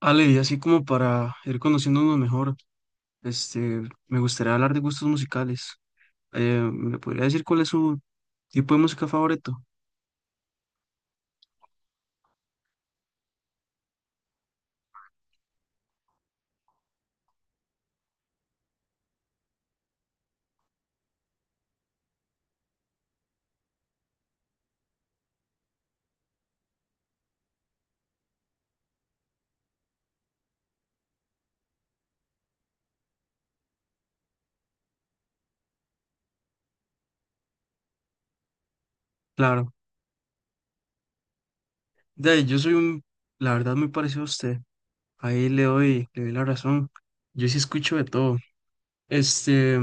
Ale, y así como para ir conociéndonos mejor, este, me gustaría hablar de gustos musicales. ¿Me podría decir cuál es su tipo de música favorito? Claro, de ahí, yo soy un, la verdad, muy parecido a usted. Ahí le doy la razón. Yo sí escucho de todo. Este,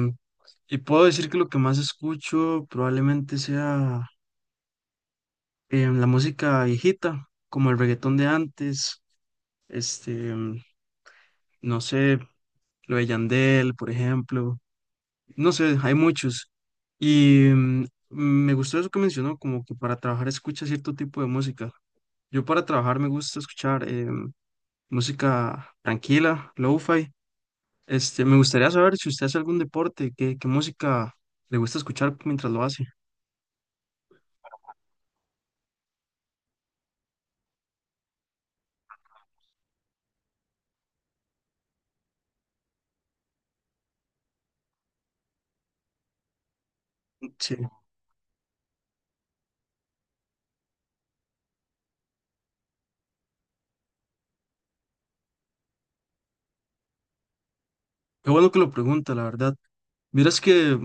y puedo decir que lo que más escucho probablemente sea la música viejita, como el reggaetón de antes, este, em, no sé, lo de Yandel, por ejemplo. No sé, hay muchos. Y me gustó eso que mencionó, como que para trabajar escucha cierto tipo de música. Yo para trabajar me gusta escuchar música tranquila, lo-fi. Me gustaría saber si usted hace algún deporte, qué música le gusta escuchar mientras lo hace. Sí, qué bueno que lo pregunta, la verdad. Miras que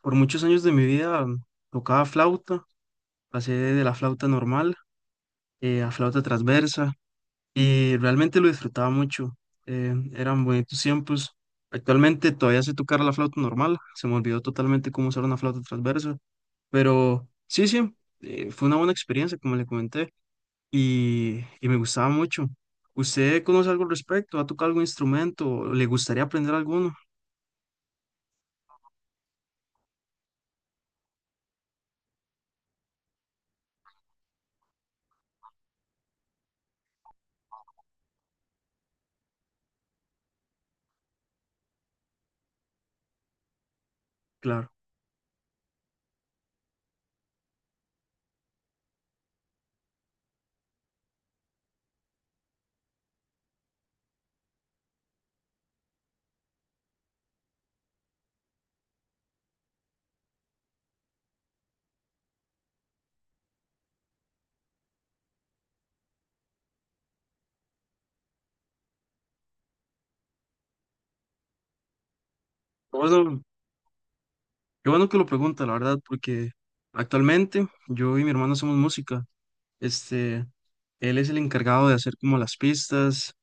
por muchos años de mi vida tocaba flauta, pasé de la flauta normal a flauta transversa. Y realmente lo disfrutaba mucho. Eran bonitos tiempos. Actualmente todavía sé tocar la flauta normal, se me olvidó totalmente cómo usar una flauta transversa, pero sí, sí, fue una buena experiencia, como le comenté, y me gustaba mucho. ¿Usted conoce algo al respecto? ¿Ha tocado algún instrumento? ¿O le gustaría aprender alguno? Claro. Qué Bueno, qué bueno que lo pregunta, la verdad, porque actualmente yo y mi hermano hacemos música. Este, Él es el encargado de hacer como las pistas,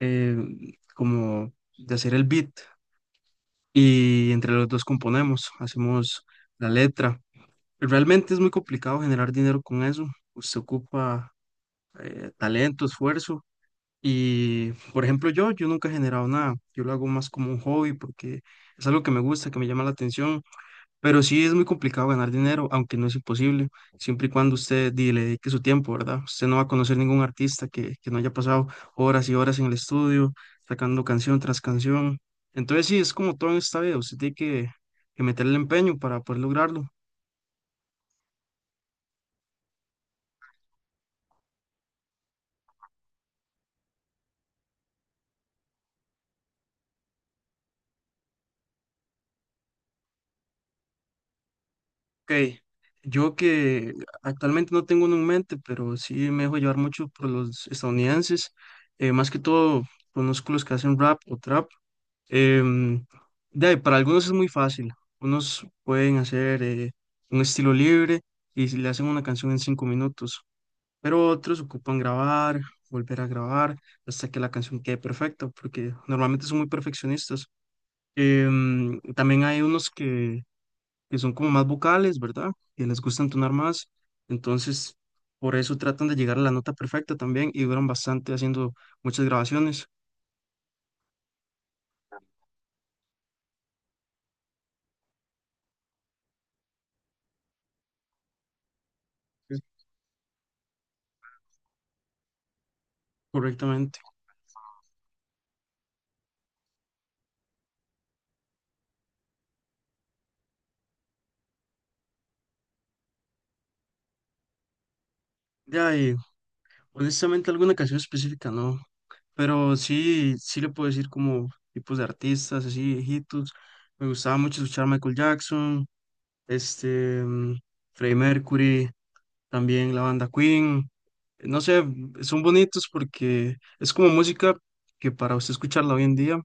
eh, como de hacer el beat, y entre los dos componemos, hacemos la letra. Realmente es muy complicado generar dinero con eso. Usted ocupa talento, esfuerzo y, por ejemplo, yo nunca he generado nada. Yo lo hago más como un hobby porque es algo que me gusta, que me llama la atención, pero sí es muy complicado ganar dinero, aunque no es imposible, siempre y cuando usted le dedique su tiempo, ¿verdad? Usted no va a conocer ningún artista que no haya pasado horas y horas en el estudio, sacando canción tras canción. Entonces sí, es como todo en esta vida, usted tiene que meterle empeño para poder lograrlo. Ok, yo que actualmente no tengo uno en mente, pero sí me dejo llevar mucho por los estadounidenses, más que todo conozco los que hacen rap o trap. Em, de ahí, para algunos es muy fácil. Unos pueden hacer un estilo libre, y si le hacen una canción en 5 minutos, pero otros ocupan grabar, volver a grabar hasta que la canción quede perfecta, porque normalmente son muy perfeccionistas. También hay unos que son como más vocales, ¿verdad? Que les gusta entonar más, entonces por eso tratan de llegar a la nota perfecta también y duran bastante haciendo muchas grabaciones correctamente. Ya, honestamente, alguna canción específica no, pero sí, sí le puedo decir como tipos de artistas, así viejitos. Me gustaba mucho escuchar Michael Jackson, este, mm, Freddie Mercury, también la banda Queen. No sé, son bonitos porque es como música que para usted escucharla hoy en día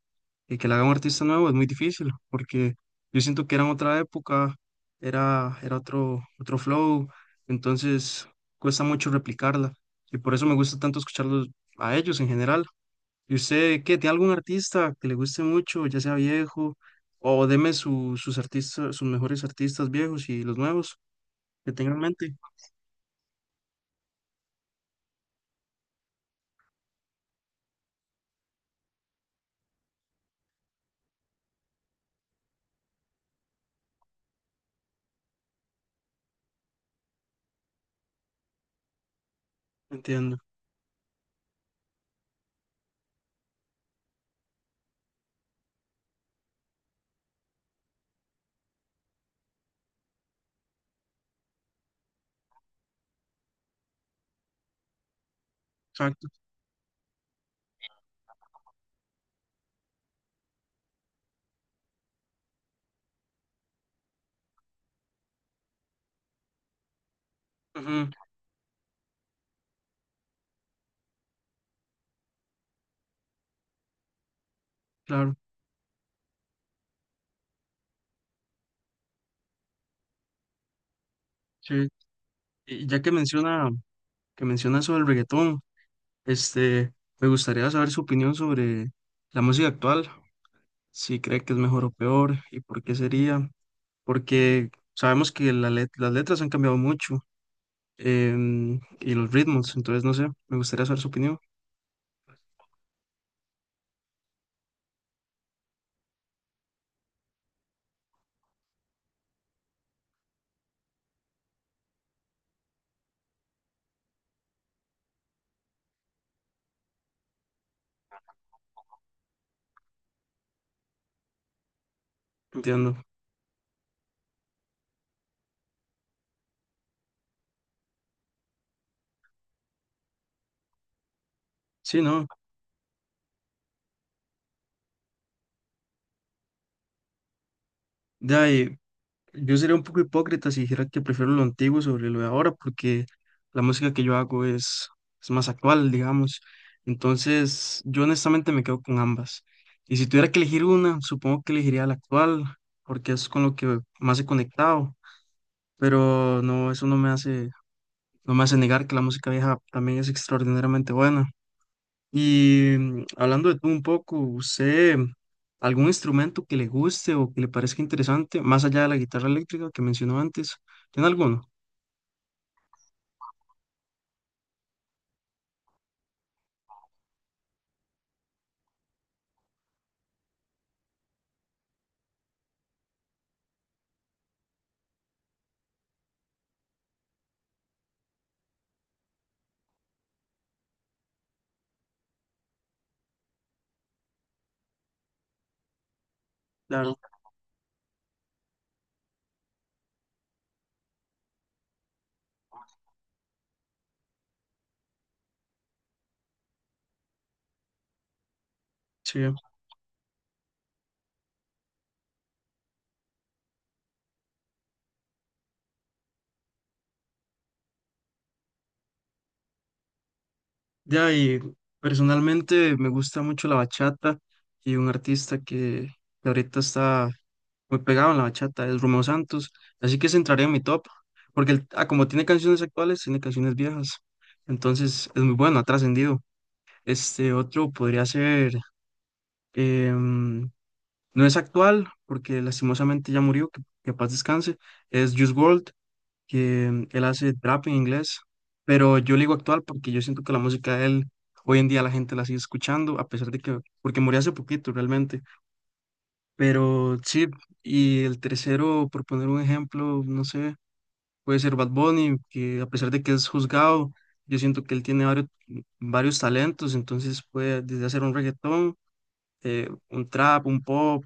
y que la haga un artista nuevo es muy difícil, porque yo siento que era en otra época, era otro flow, entonces cuesta mucho replicarla y por eso me gusta tanto escucharlos a ellos en general. ¿Y usted qué? ¿Tiene algún artista que le guste mucho, ya sea viejo? O deme sus artistas, sus mejores artistas viejos y los nuevos que tengan en mente. Entiendo. Exacto. Ujú, claro. Sí. Y ya que menciona sobre el reggaetón, este, me gustaría saber su opinión sobre la música actual, si cree que es mejor o peor y por qué sería, porque sabemos que la las letras han cambiado mucho y los ritmos, entonces no sé, me gustaría saber su opinión. Entiendo. Sí, no. Ya, yo sería un poco hipócrita si dijera que prefiero lo antiguo sobre lo de ahora, porque la música que yo hago es más actual, digamos. Entonces, yo honestamente me quedo con ambas. Y si tuviera que elegir una, supongo que elegiría la actual, porque es con lo que más he conectado. Pero no, eso no me hace, no me hace negar que la música vieja también es extraordinariamente buena. Y hablando de tú un poco, ¿usted algún instrumento que le guste o que le parezca interesante, más allá de la guitarra eléctrica que mencionó antes? ¿Tiene alguno? Claro, sí. De ahí, personalmente me gusta mucho la bachata y un artista que ahorita está muy pegado en la bachata es Romeo Santos, así que se entraría en mi top, porque como tiene canciones actuales, tiene canciones viejas, entonces es muy bueno, ha trascendido. Este otro podría ser. em, No es actual, porque lastimosamente ya murió, que paz descanse. Es Juice WRLD, que él hace trap en inglés, pero yo le digo actual porque yo siento que la música de él hoy en día la gente la sigue escuchando, a pesar de que, porque murió hace poquito realmente. Pero sí, y el tercero, por poner un ejemplo, no sé, puede ser Bad Bunny, que a pesar de que es juzgado, yo siento que él tiene varios, varios talentos, entonces puede desde hacer un reggaetón, un trap, un pop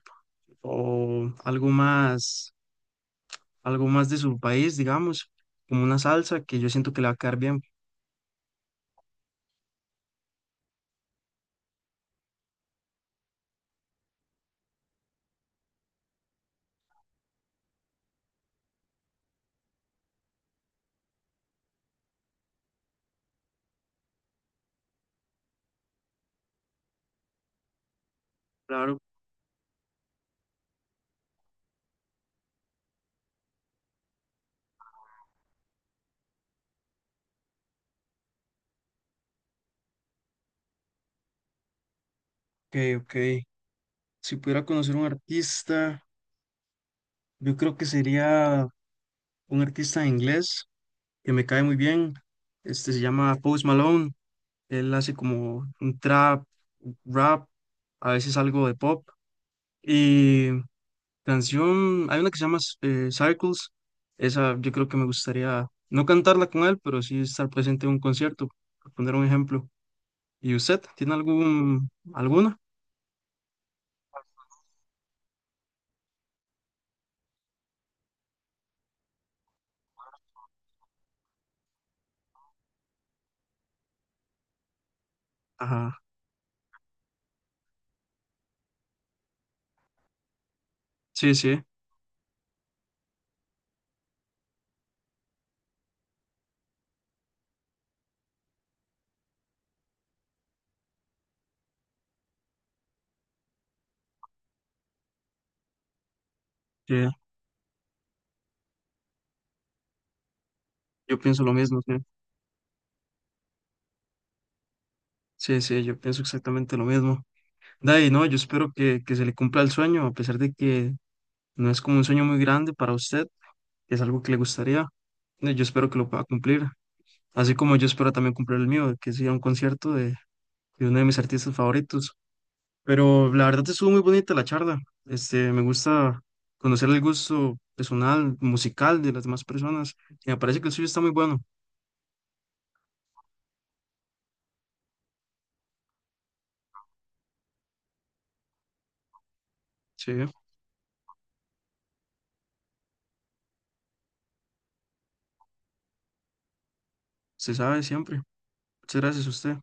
o algo más de su país, digamos, como una salsa que yo siento que le va a quedar bien. Claro, ok, ok. Si pudiera conocer un artista, yo creo que sería un artista de inglés que me cae muy bien. Este se llama Post Malone. Él hace como un trap, rap, a veces algo de pop. Y canción, hay una que se llama Circles, esa yo creo que me gustaría no cantarla con él, pero sí estar presente en un concierto, por poner un ejemplo. ¿Y usted tiene algún, alguna? Ajá, sí, sí, sí, yo pienso lo mismo, sí, sí, sí, yo pienso exactamente lo mismo. De ahí, no, yo espero que se le cumpla el sueño, a pesar de que no es como un sueño muy grande para usted, que es algo que le gustaría, yo espero que lo pueda cumplir, así como yo espero también cumplir el mío, que sea un concierto de uno de mis artistas favoritos. Pero la verdad estuvo muy bonita la charla. Me gusta conocer el gusto personal, musical de las demás personas. Y me parece que el suyo está muy bueno. Sí, se sabe siempre. Muchas gracias a usted.